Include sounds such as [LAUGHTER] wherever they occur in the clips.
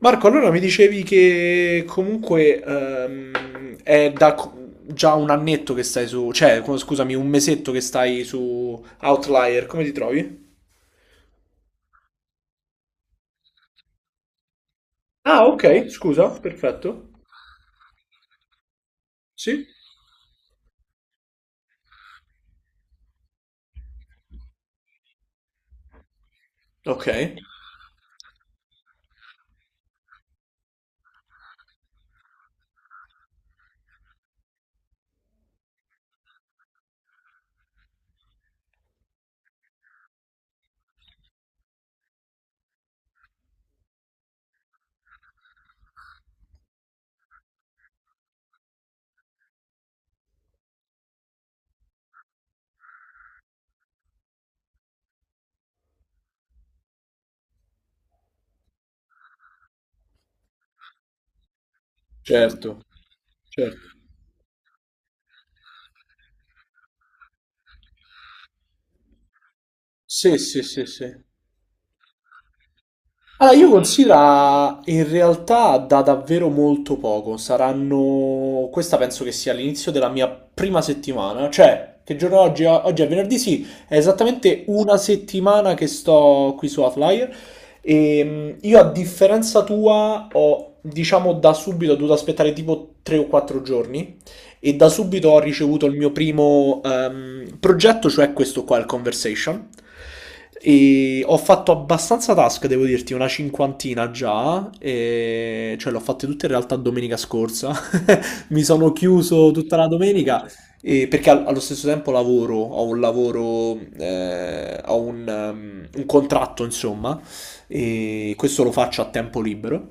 Marco, allora mi dicevi che comunque è da già un annetto che stai su, cioè, scusami, un mesetto che stai su Outlier, come ti trovi? Ah, ok, scusa, perfetto. Sì? Ok, certo, certo. Sì, sì, sì, sì. Allora, io considero in realtà da davvero molto poco. Saranno. Questa penso che sia l'inizio della mia prima settimana. Cioè, che giorno è oggi? Oggi è venerdì, sì, è esattamente una settimana che sto qui su Outlier. E io, a differenza tua, ho, diciamo, da subito dovuto aspettare tipo 3 o 4 giorni e da subito ho ricevuto il mio primo progetto, cioè questo qua, il Conversation. E ho fatto abbastanza task, devo dirti, una cinquantina già, cioè l'ho fatte tutte in realtà domenica scorsa. [LAUGHS] Mi sono chiuso tutta la domenica perché allo stesso tempo lavoro, ho un contratto, insomma, e questo lo faccio a tempo libero.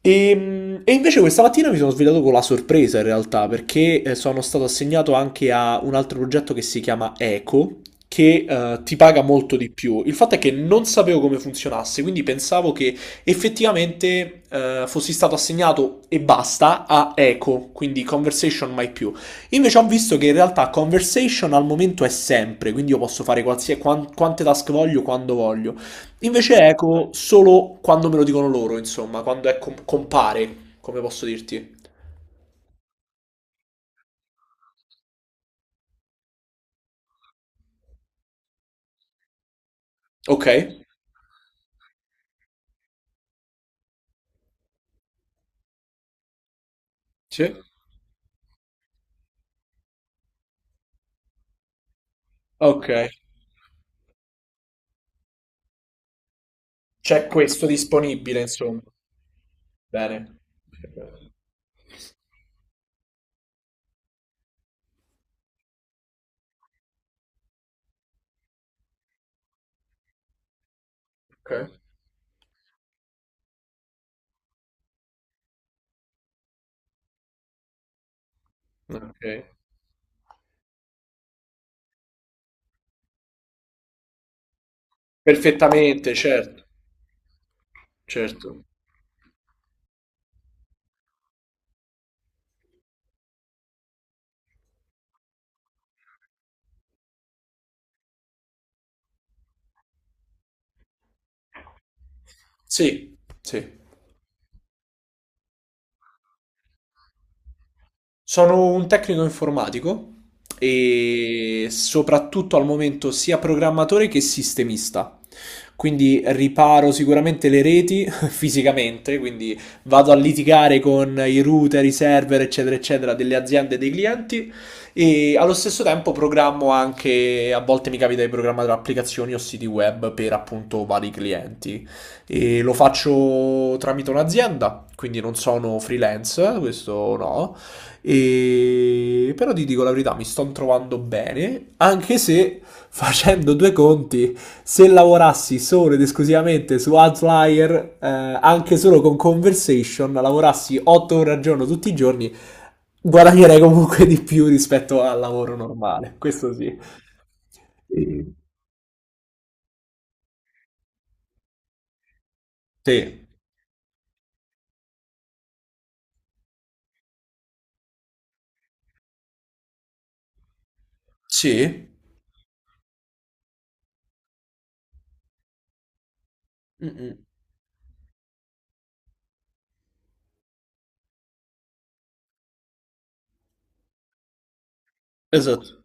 E invece questa mattina mi sono svegliato con la sorpresa in realtà, perché sono stato assegnato anche a un altro progetto che si chiama Eco, che ti paga molto di più. Il fatto è che non sapevo come funzionasse, quindi pensavo che effettivamente fossi stato assegnato e basta a Eco, quindi Conversation mai più. Invece ho visto che in realtà Conversation al momento è sempre, quindi io posso fare qualsiasi, quante task voglio, quando voglio. Invece Eco solo quando me lo dicono loro, insomma, quando è compare, come posso dirti. Ok? Sì. Ok. C'è questo disponibile, insomma. Bene. Ok. Ok. Perfettamente, certo. Certo. Sì, sì. Sono un tecnico informatico e soprattutto al momento sia programmatore che sistemista. Quindi riparo sicuramente le reti [LAUGHS] fisicamente, quindi vado a litigare con i router, i server, eccetera, eccetera, delle aziende e dei clienti e allo stesso tempo programmo anche, a volte mi capita di programmare applicazioni o siti web per appunto vari clienti e lo faccio tramite un'azienda, quindi non sono freelance, questo no, però ti dico la verità, mi sto trovando bene, anche se facendo due conti, se lavorassi solo ed esclusivamente su Outlier, anche solo con Conversation, lavorassi 8 ore al giorno tutti i giorni, guadagnerei comunque di più rispetto al lavoro normale. Questo sì. E- Sì. Sì? Mm-mm. Esatto.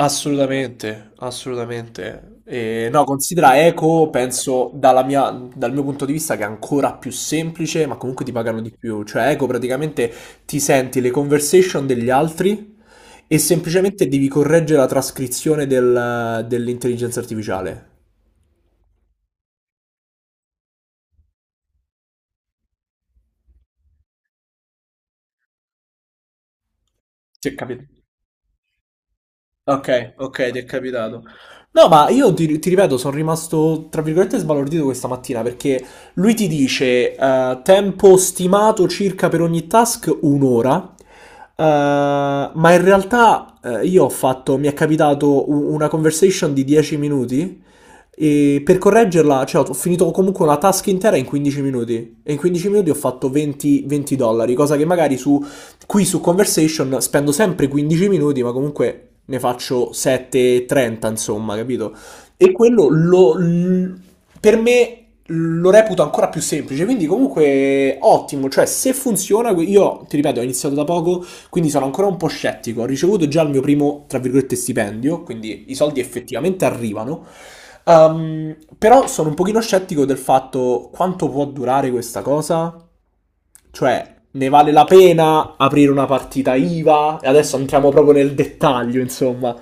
Assolutamente, assolutamente. E no, considera Eco, penso dal mio punto di vista che è ancora più semplice, ma comunque ti pagano di più. Cioè, Eco praticamente ti senti le conversation degli altri e semplicemente devi correggere la trascrizione dell'intelligenza artificiale. Sì, capito. Okay, okay, ti è capitato. No, ma io ti ripeto, sono rimasto tra virgolette sbalordito questa mattina perché lui ti dice tempo stimato circa per ogni task un'ora, ma in realtà io ho fatto, mi è capitato una conversation di 10 minuti e per correggerla, cioè ho finito comunque una task intera in 15 minuti e in 15 minuti ho fatto 20 20 dollari, cosa che magari su qui su Conversation spendo sempre 15 minuti, ma comunque ne faccio 7,30, insomma, capito? E quello per me lo reputo ancora più semplice, quindi comunque ottimo, cioè se funziona, io ti ripeto, ho iniziato da poco, quindi sono ancora un po' scettico, ho ricevuto già il mio primo, tra virgolette, stipendio, quindi i soldi effettivamente arrivano. Però sono un pochino scettico del fatto quanto può durare questa cosa. Cioè, ne vale la pena aprire una partita IVA? E adesso entriamo proprio nel dettaglio, insomma.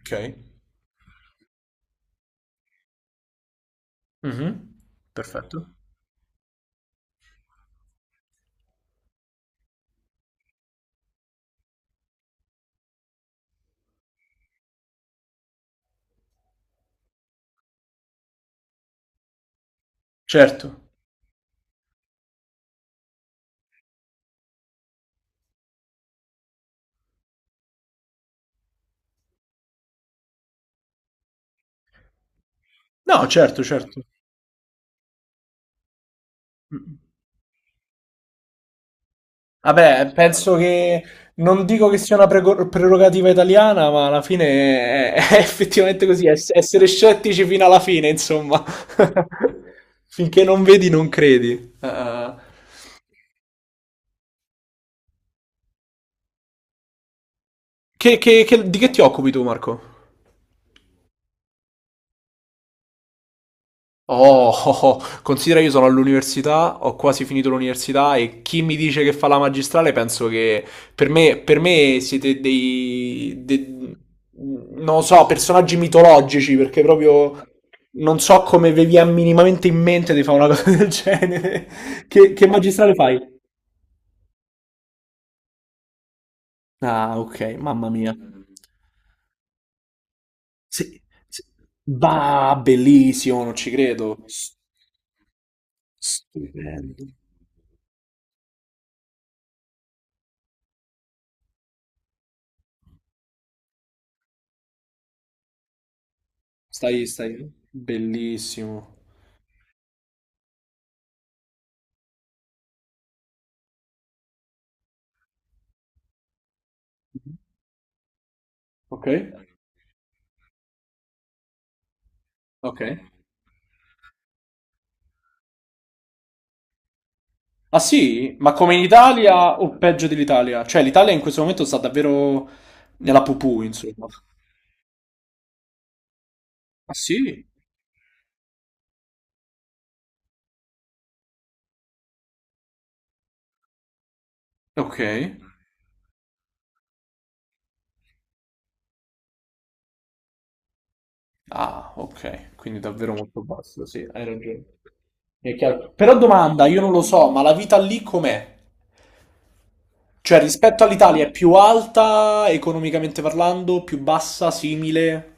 Ok. Mhm. Perfetto. Certo. No, certo, certo. Mm. Vabbè, penso che non dico che sia una prerogativa italiana, ma alla fine è, [LAUGHS] è effettivamente così, essere scettici fino alla fine, insomma. [LAUGHS] Finché non vedi, non credi. Eh. Di che ti occupi tu, Marco? Oh, [LAUGHS] oh, oh, considera io sono all'università, ho quasi finito l'università e chi mi dice che fa la magistrale penso che per me siete dei non so, personaggi mitologici perché proprio non so come vi è minimamente in mente di fare una cosa [LAUGHS] del genere. Che magistrale fai? Ah, ok, mamma mia. Sì, sì. Bah, bellissimo, non ci credo. Stupendo. Stai, bellissimo. Ok, ok. Ah sì? Ma come in Italia o peggio dell'Italia? Cioè l'Italia in questo momento sta davvero nella pupù, insomma. Ah sì? Ok. Ah, ok. Quindi davvero molto basso, sì, hai ragione. È chiaro. Però domanda, io non lo so, ma la vita lì com'è? Cioè rispetto all'Italia è più alta economicamente parlando, più bassa, simile?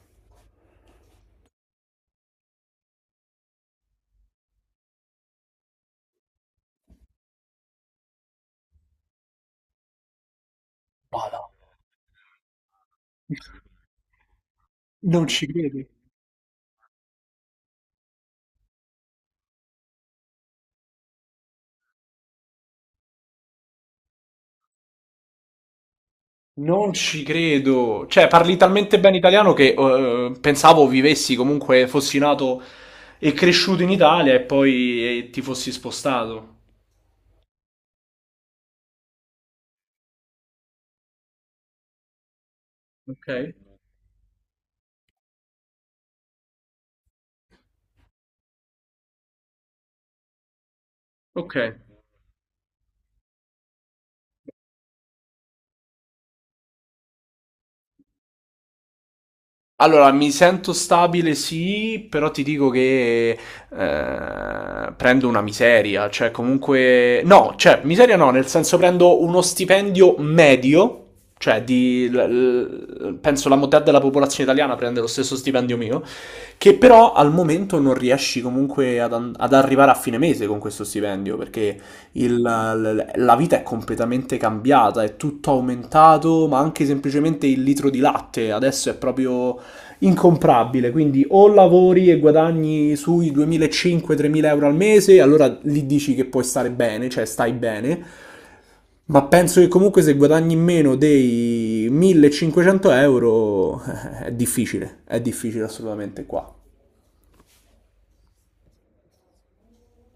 Vada. Non ci credi? Non ci credo. Cioè, parli talmente bene italiano che pensavo vivessi comunque, fossi nato e cresciuto in Italia e poi ti fossi spostato. Ok, ok. Allora, mi sento stabile, sì, però ti dico che prendo una miseria, cioè comunque... No, cioè miseria no, nel senso prendo uno stipendio medio, cioè penso la metà della popolazione italiana prende lo stesso stipendio mio, che però al momento non riesci comunque ad arrivare a fine mese con questo stipendio, perché la vita è completamente cambiata, è tutto aumentato, ma anche semplicemente il litro di latte adesso è proprio incomprabile, quindi o lavori e guadagni sui 2.500-3.000 euro al mese, allora lì dici che puoi stare bene, cioè stai bene, ma penso che comunque se guadagni meno dei 1.500 euro [LAUGHS] è difficile assolutamente qua.